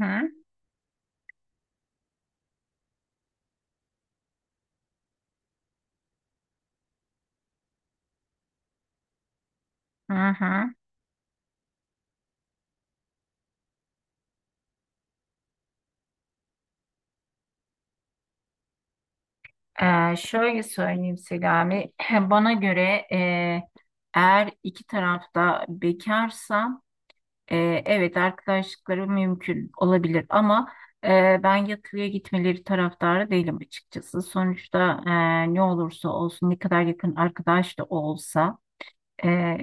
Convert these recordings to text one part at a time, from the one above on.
Hı hı. Hı. Şöyle söyleyeyim Selami. Bana göre eğer iki tarafta bekarsa e, evet arkadaşlıkları mümkün olabilir ama ben yatılıya gitmeleri taraftarı değilim açıkçası. Sonuçta ne olursa olsun ne kadar yakın arkadaş da olsa e,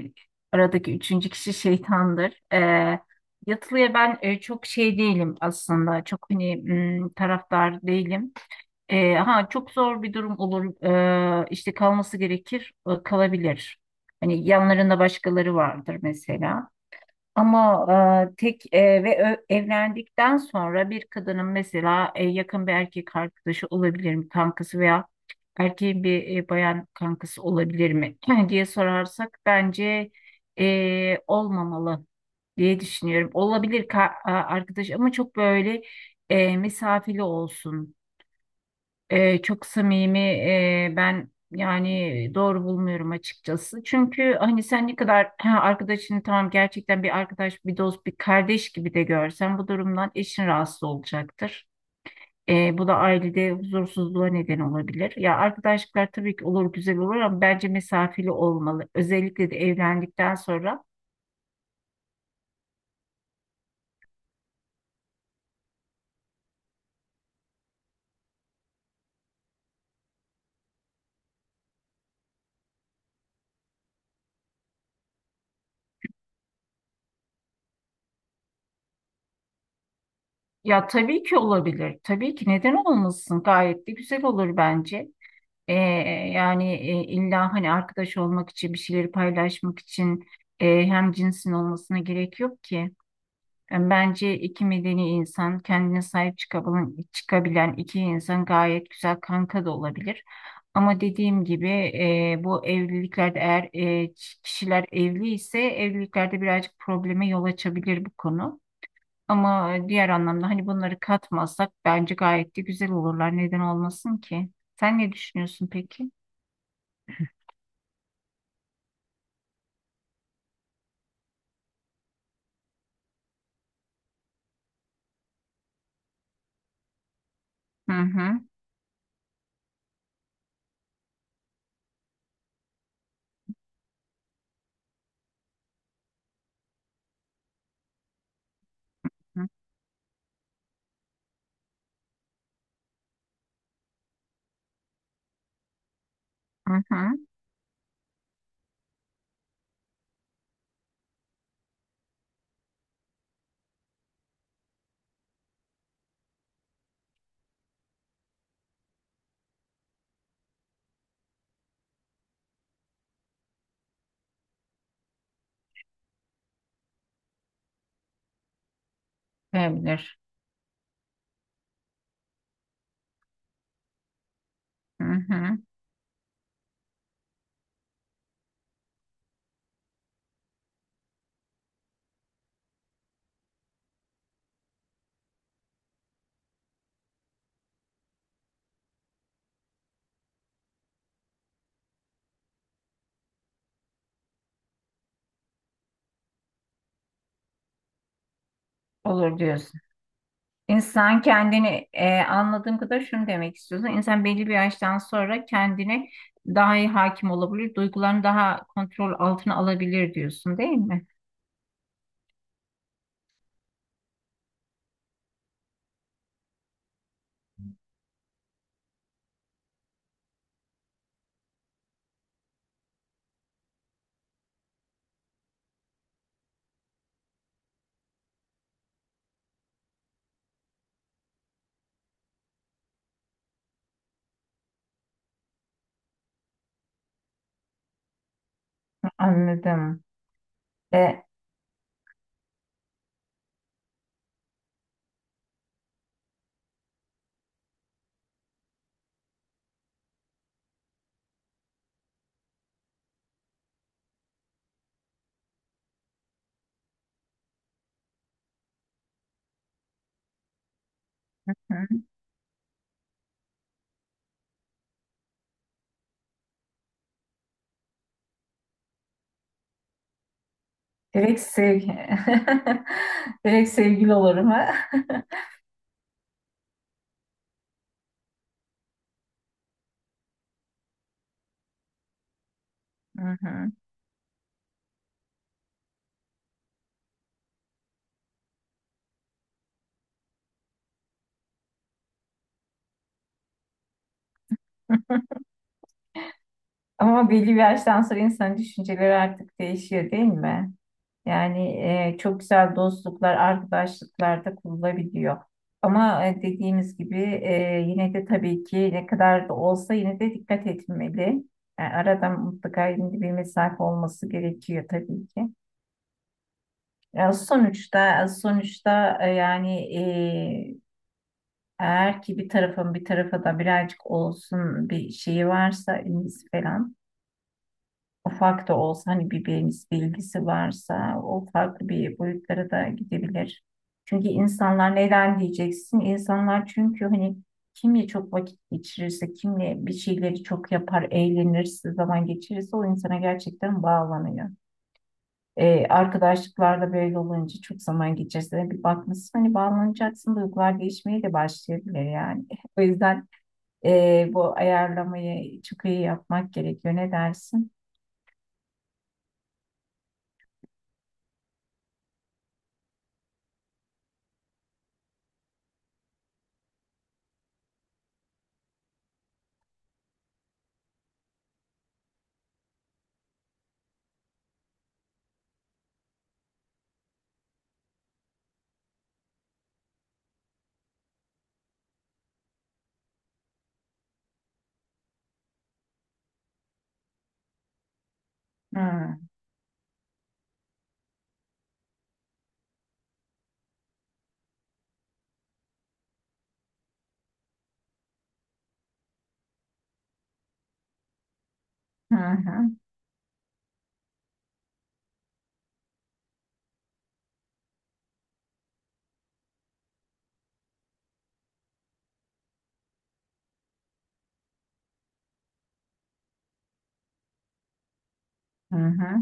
aradaki üçüncü kişi şeytandır. Yatılıya ben çok şey değilim aslında. Çok hani taraftar değilim. Çok zor bir durum olur. E, işte kalması gerekir, kalabilir. Hani yanlarında başkaları vardır mesela. Ama tek ve evlendikten sonra bir kadının mesela yakın bir erkek arkadaşı olabilir mi kankası veya erkeğin bir bayan kankası olabilir mi diye sorarsak bence olmamalı diye düşünüyorum. Olabilir arkadaş ama çok böyle mesafeli olsun. Çok samimi ben yani doğru bulmuyorum açıkçası. Çünkü hani sen ne kadar arkadaşını tamam gerçekten bir arkadaş, bir dost, bir kardeş gibi de görsen bu durumdan eşin rahatsız olacaktır. Bu da ailede huzursuzluğa neden olabilir. Ya arkadaşlıklar tabii ki olur güzel olur ama bence mesafeli olmalı. Özellikle de evlendikten sonra. Ya tabii ki olabilir. Tabii ki neden olmasın? Gayet de güzel olur bence. E, Yani illa hani arkadaş olmak için bir şeyleri paylaşmak için hem cinsin olmasına gerek yok ki. Yani bence iki medeni insan kendine sahip çıkabilen, çıkabilen iki insan gayet güzel kanka da olabilir. Ama dediğim gibi bu evliliklerde eğer kişiler evli ise evliliklerde birazcık probleme yol açabilir bu konu. Ama diğer anlamda hani bunları katmazsak bence gayet de güzel olurlar. Neden olmasın ki? Sen ne düşünüyorsun peki? Hı hı. Hı hı. Hı. Olabilir. Hı hı. Olur diyorsun. İnsan kendini anladığım kadar şunu demek istiyorsun. İnsan belli bir yaştan sonra kendine daha iyi hakim olabilir, duygularını daha kontrol altına alabilir diyorsun, değil mi? Anladım. E, Hı. direkt sevgi direkt sevgili olurum ha. Hı hı. Ama belli bir yaştan sonra insanın düşünceleri artık değişiyor değil mi? Yani çok güzel dostluklar, arkadaşlıklar da kurulabiliyor. Ama dediğimiz gibi yine de tabii ki ne kadar da olsa yine de dikkat etmeli. Yani arada mutlaka yine de bir mesafe olması gerekiyor tabii ki. Ya sonuçta sonuçta yani eğer ki bir tarafın bir tarafa da birazcık olsun bir şeyi varsa ilgisi falan. Ufak da olsa hani bir bilgisi, varsa o farklı bir boyutlara da gidebilir. Çünkü insanlar neden diyeceksin? İnsanlar çünkü hani kimle çok vakit geçirirse, kimle bir şeyleri çok yapar, eğlenirse, zaman geçirirse o insana gerçekten bağlanıyor. Arkadaşlıklarda böyle olunca çok zaman geçirse bir bakmışsın hani bağlanacaksın duygular değişmeye de başlayabilir yani. O yüzden bu ayarlamayı çok iyi yapmak gerekiyor. Ne dersin? Hı hı. Hı. Hı hı.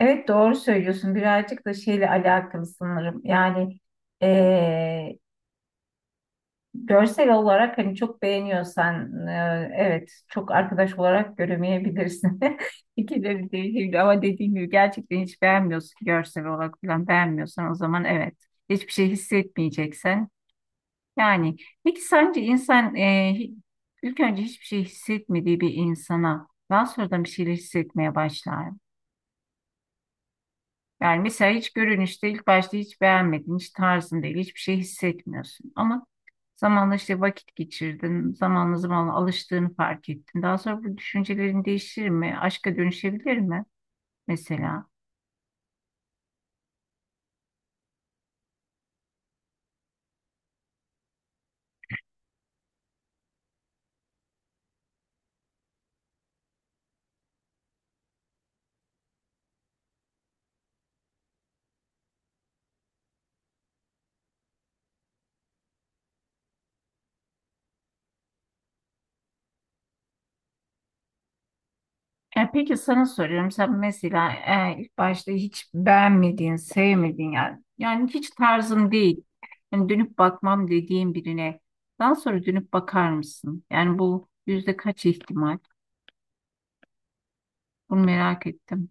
Evet, doğru söylüyorsun. Birazcık da şeyle alakalı sanırım. Yani eee, görsel olarak hani çok beğeniyorsan, evet, çok arkadaş olarak göremeyebilirsin. Fikirleri değişebilir ama dediğim gibi gerçekten hiç beğenmiyorsun, görsel olarak falan beğenmiyorsan o zaman evet, hiçbir şey hissetmeyeceksen. Yani peki sence insan ilk önce hiçbir şey hissetmediği bir insana daha sonradan bir şeyler hissetmeye başlar. Yani mesela hiç görünüşte ilk başta hiç beğenmedin, hiç tarzın değil, hiçbir şey hissetmiyorsun. Ama zamanla işte vakit geçirdin, zamanla zamanla alıştığını fark ettin. Daha sonra bu düşüncelerin değişir mi? Aşka dönüşebilir mi mesela? E peki, sana soruyorum. Sen mesela ilk başta hiç beğenmediğin, sevmediğin, yani, yani hiç tarzın değil. Yani dönüp bakmam dediğin birine daha sonra dönüp bakar mısın? Yani bu yüzde kaç ihtimal? Bunu merak ettim.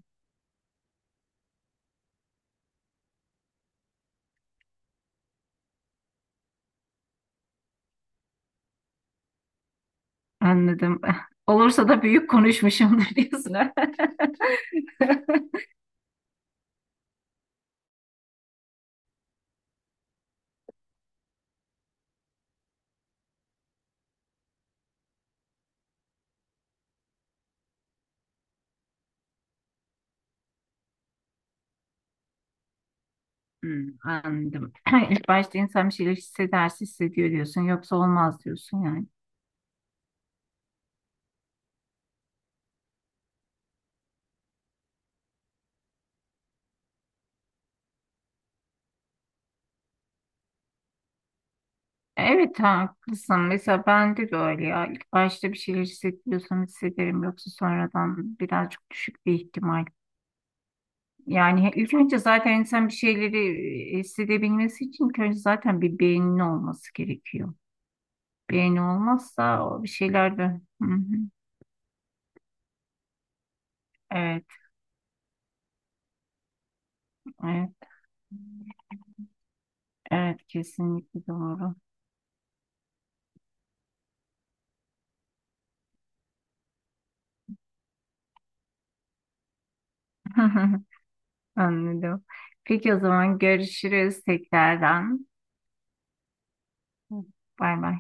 Anladım. Olursa da büyük konuşmuşumdur diyorsun, ha? Anladım. İlk başta insan bir şeyler hissederse hissediyor diyorsun. Yoksa olmaz diyorsun yani. Evet, haklısın. Mesela bende de öyle ya. İlk başta bir şeyler hissediyorsam hissederim. Yoksa sonradan birazcık düşük bir ihtimal. Yani ilk önce zaten insan bir şeyleri hissedebilmesi için ilk önce zaten bir beyninin olması gerekiyor. Beyni olmazsa o bir şeyler de... Hı hı. Evet, evet. Evet, kesinlikle doğru. Anladım. Peki, o zaman görüşürüz tekrardan. Bay bay.